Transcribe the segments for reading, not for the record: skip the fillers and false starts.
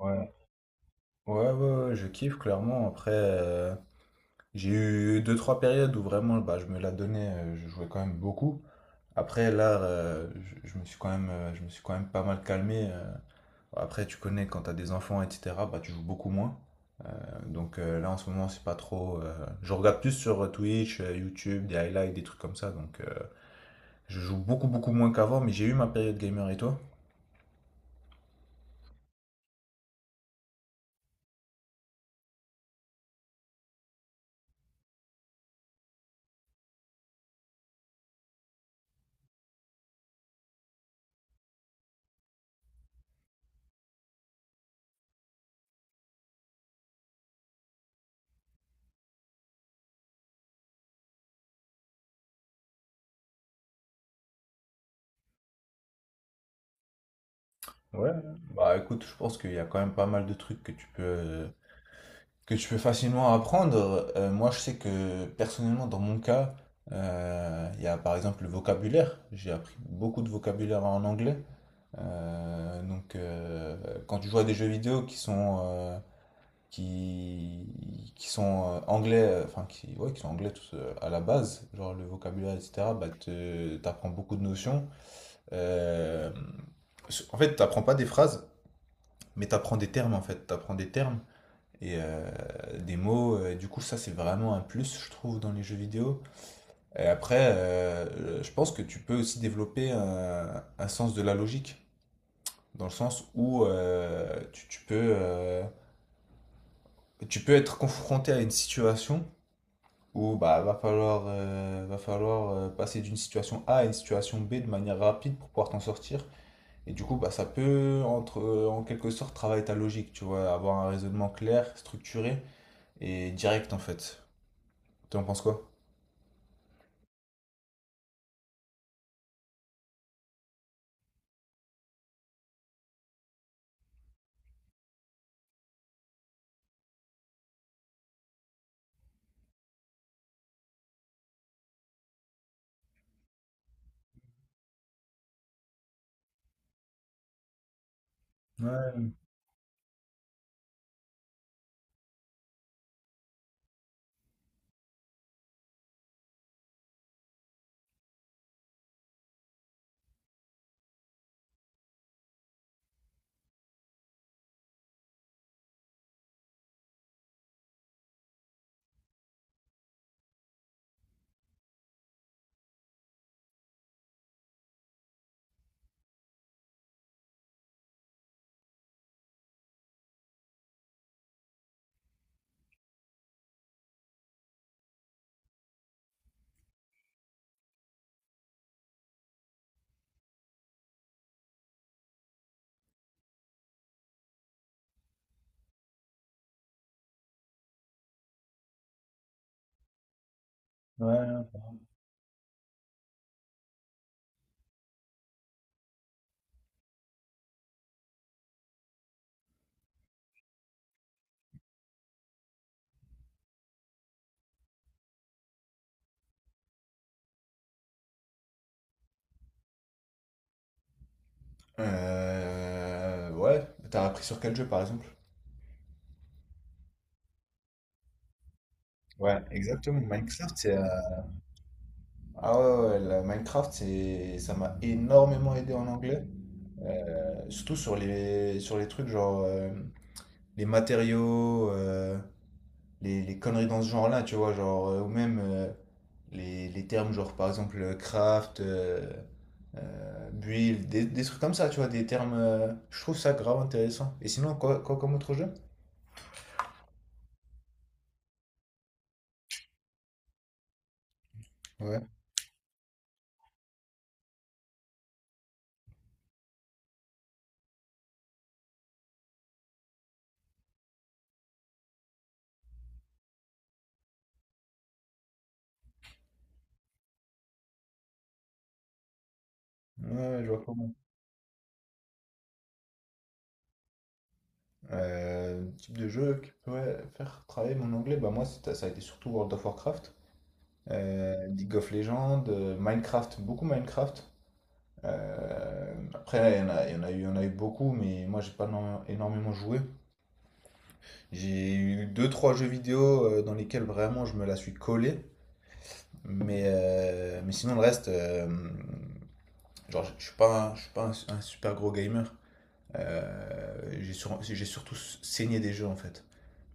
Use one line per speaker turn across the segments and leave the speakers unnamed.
Ouais, ouais, ouais, ouais, je kiffe clairement. Après, j'ai eu deux, trois périodes où vraiment je me la donnais, je jouais quand même beaucoup. Après, là, je me suis quand même, je me suis quand même pas mal calmé. Après, tu connais, quand t'as des enfants, etc., bah, tu joues beaucoup moins. Donc là, en ce moment, c'est pas trop. Je regarde plus sur Twitch, YouTube, des highlights, des trucs comme ça. Donc je joue beaucoup, beaucoup moins qu'avant, mais j'ai eu ma période gamer. Et toi? Ouais, bah écoute, je pense qu'il y a quand même pas mal de trucs que tu peux facilement apprendre. Moi, je sais que personnellement, dans mon cas, il y a par exemple le vocabulaire. J'ai appris beaucoup de vocabulaire en anglais. Donc, quand tu joues à des jeux vidéo qui sont, qui sont anglais, enfin, qui, ouais, qui sont anglais tous, à la base, genre le vocabulaire, etc., bah, t'apprends beaucoup de notions. Euh, en fait, t'apprends pas des phrases, mais t'apprends des termes, en fait. T'apprends des termes et des mots. Du coup, ça, c'est vraiment un plus, je trouve, dans les jeux vidéo. Et après, je pense que tu peux aussi développer un sens de la logique, dans le sens où tu peux, tu peux être confronté à une situation où bah, va falloir passer d'une situation A à une situation B de manière rapide pour pouvoir t'en sortir. Et du coup, bah, ça peut, entre, en quelque sorte, travailler ta logique, tu vois, avoir un raisonnement clair, structuré et direct, en fait. Tu en penses quoi? Ouais, ouais. Ouais, t'as appris sur quel jeu par exemple? Ouais, exactement. Minecraft, c'est. Ah ouais, ouais, la Minecraft, c'est, ça m'a énormément aidé en anglais. Surtout sur les trucs genre les matériaux, les conneries dans ce genre-là, tu vois, genre, ou même les termes genre par exemple craft, build, des trucs comme ça, tu vois, des termes. Je trouve ça grave intéressant. Et sinon, quoi, quoi comme autre jeu? Ouais. Ouais, ouais, je vois comment. Type de jeu qui pourrait faire travailler mon anglais, bah moi ça a été surtout World of Warcraft, League of Legends, Minecraft, beaucoup Minecraft. Après il y en a, il y en a eu, il y en a eu beaucoup, mais moi j'ai pas énormément joué. J'ai eu deux trois jeux vidéo dans lesquels vraiment je me la suis collé, mais sinon le reste, genre je suis pas, je suis pas un, un super gros gamer. J'ai surtout saigné des jeux en fait.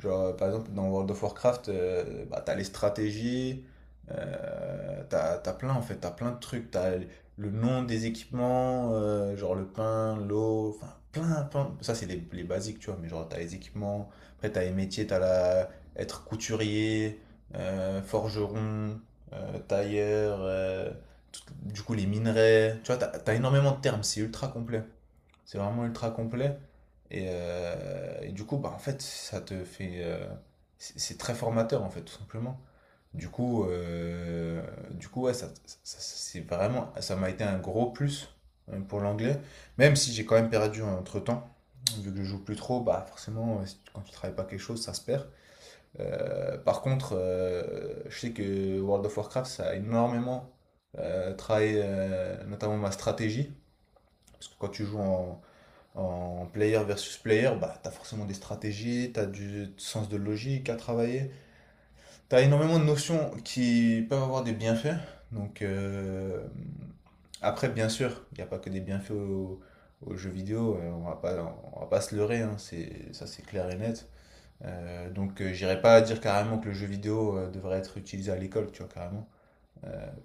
Genre, par exemple, dans World of Warcraft, bah, t'as les stratégies, t'as plein en fait, t'as plein de trucs, t'as le nom des équipements, genre le pain, l'eau, enfin plein, plein. Ça, c'est les basiques, tu vois, mais genre t'as les équipements, après t'as les métiers, t'as la... être couturier, forgeron, tailleur, tout- du coup les minerais, tu vois, t'as énormément de termes, c'est ultra complet. C'est vraiment ultra complet. Et du coup, bah, en fait, ça te fait. C'est très formateur, en fait, tout simplement. Du coup, euh, du coup ouais, c'est vraiment. Ça m'a été un gros plus pour l'anglais. Même si j'ai quand même perdu entre-temps. Vu que je joue plus trop, bah forcément, quand tu travailles pas quelque chose, ça se perd. Par contre, je sais que World of Warcraft, ça a énormément travaillé notamment ma stratégie. Parce que quand tu joues en en player versus player, bah, tu as forcément des stratégies, tu as du sens de logique à travailler. Tu as énormément de notions qui peuvent avoir des bienfaits. Donc, après, bien sûr, il n'y a pas que des bienfaits aux jeux vidéo. Euh, on va pas, on va pas se leurrer, hein, c'est, ça c'est clair et net. Donc, j'irai pas dire carrément que le jeu vidéo devrait être utilisé à l'école, tu vois, carrément.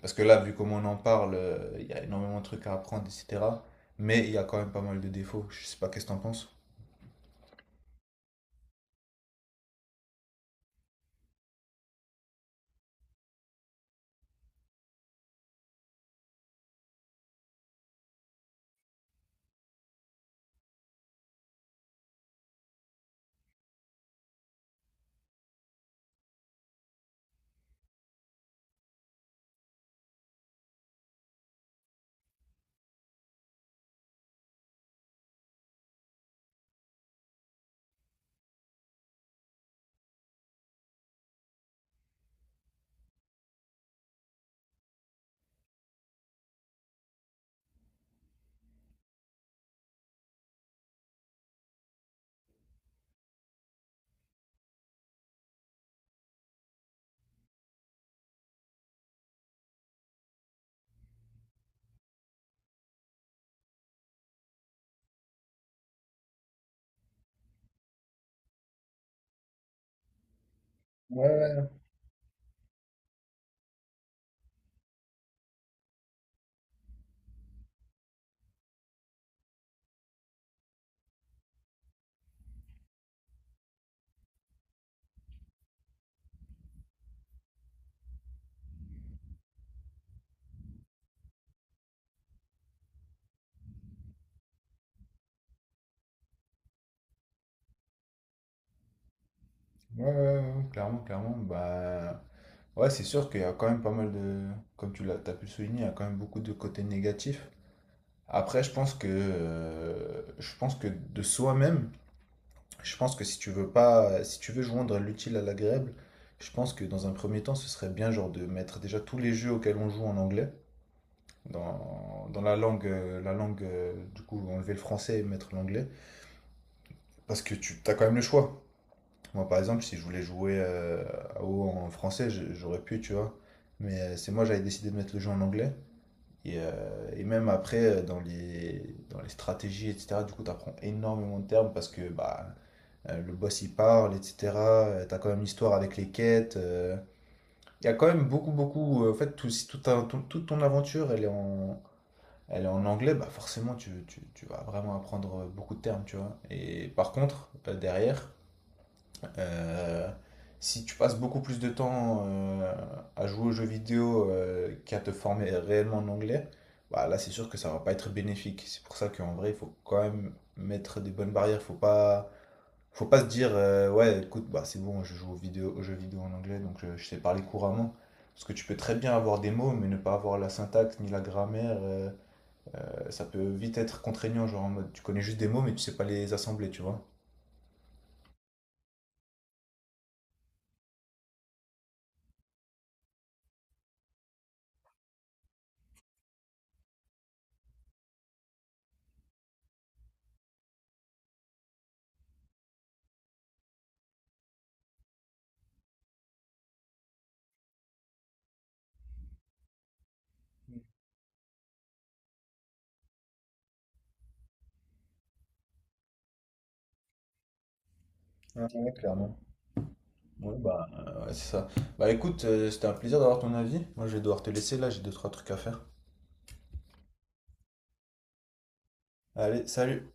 Parce que là, vu comment on en parle, il y a énormément de trucs à apprendre, etc. Mais il y a quand même pas mal de défauts. Je sais pas qu'est-ce que t'en penses. Ouais, ouais, ouais, ouais, clairement, clairement. Bah, ouais, c'est sûr qu'il y a quand même pas mal de. Comme t'as pu le souligner, il y a quand même beaucoup de côtés négatifs. Après, je pense que de soi-même, je pense que si tu veux pas, si tu veux joindre l'utile à l'agréable, je pense que dans un premier temps, ce serait bien genre de mettre déjà tous les jeux auxquels on joue en anglais dans, dans la langue du coup enlever le français et mettre l'anglais, parce que tu as quand même le choix. Moi, par exemple, si je voulais jouer à WoW en français, j'aurais pu, tu vois. Mais c'est moi, j'avais décidé de mettre le jeu en anglais. Et même après, dans les stratégies, etc., du coup, tu apprends énormément de termes parce que bah, le boss, il parle, etc. Tu as quand même l'histoire avec les quêtes. Il y a quand même beaucoup, beaucoup. Euh, en fait, tout, si tout toute ton aventure, elle est en anglais, bah forcément, tu vas vraiment apprendre beaucoup de termes, tu vois. Et par contre, derrière euh, si tu passes beaucoup plus de temps à jouer aux jeux vidéo qu'à te former réellement en anglais, bah là c'est sûr que ça va pas être bénéfique. C'est pour ça qu'en vrai, il faut quand même mettre des bonnes barrières. Faut pas se dire ouais, écoute, bah c'est bon, je joue aux vidéo, aux jeux vidéo en anglais, donc je sais parler couramment. Parce que tu peux très bien avoir des mots, mais ne pas avoir la syntaxe ni la grammaire, ça peut vite être contraignant, genre en mode tu connais juste des mots, mais tu sais pas les assembler, tu vois. Ouais, ouais, clairement. Ouais, bah, ouais, c'est ça. Bah écoute, c'était un plaisir d'avoir ton avis. Moi, je vais devoir te laisser là, j'ai deux, trois trucs à faire. Allez, salut!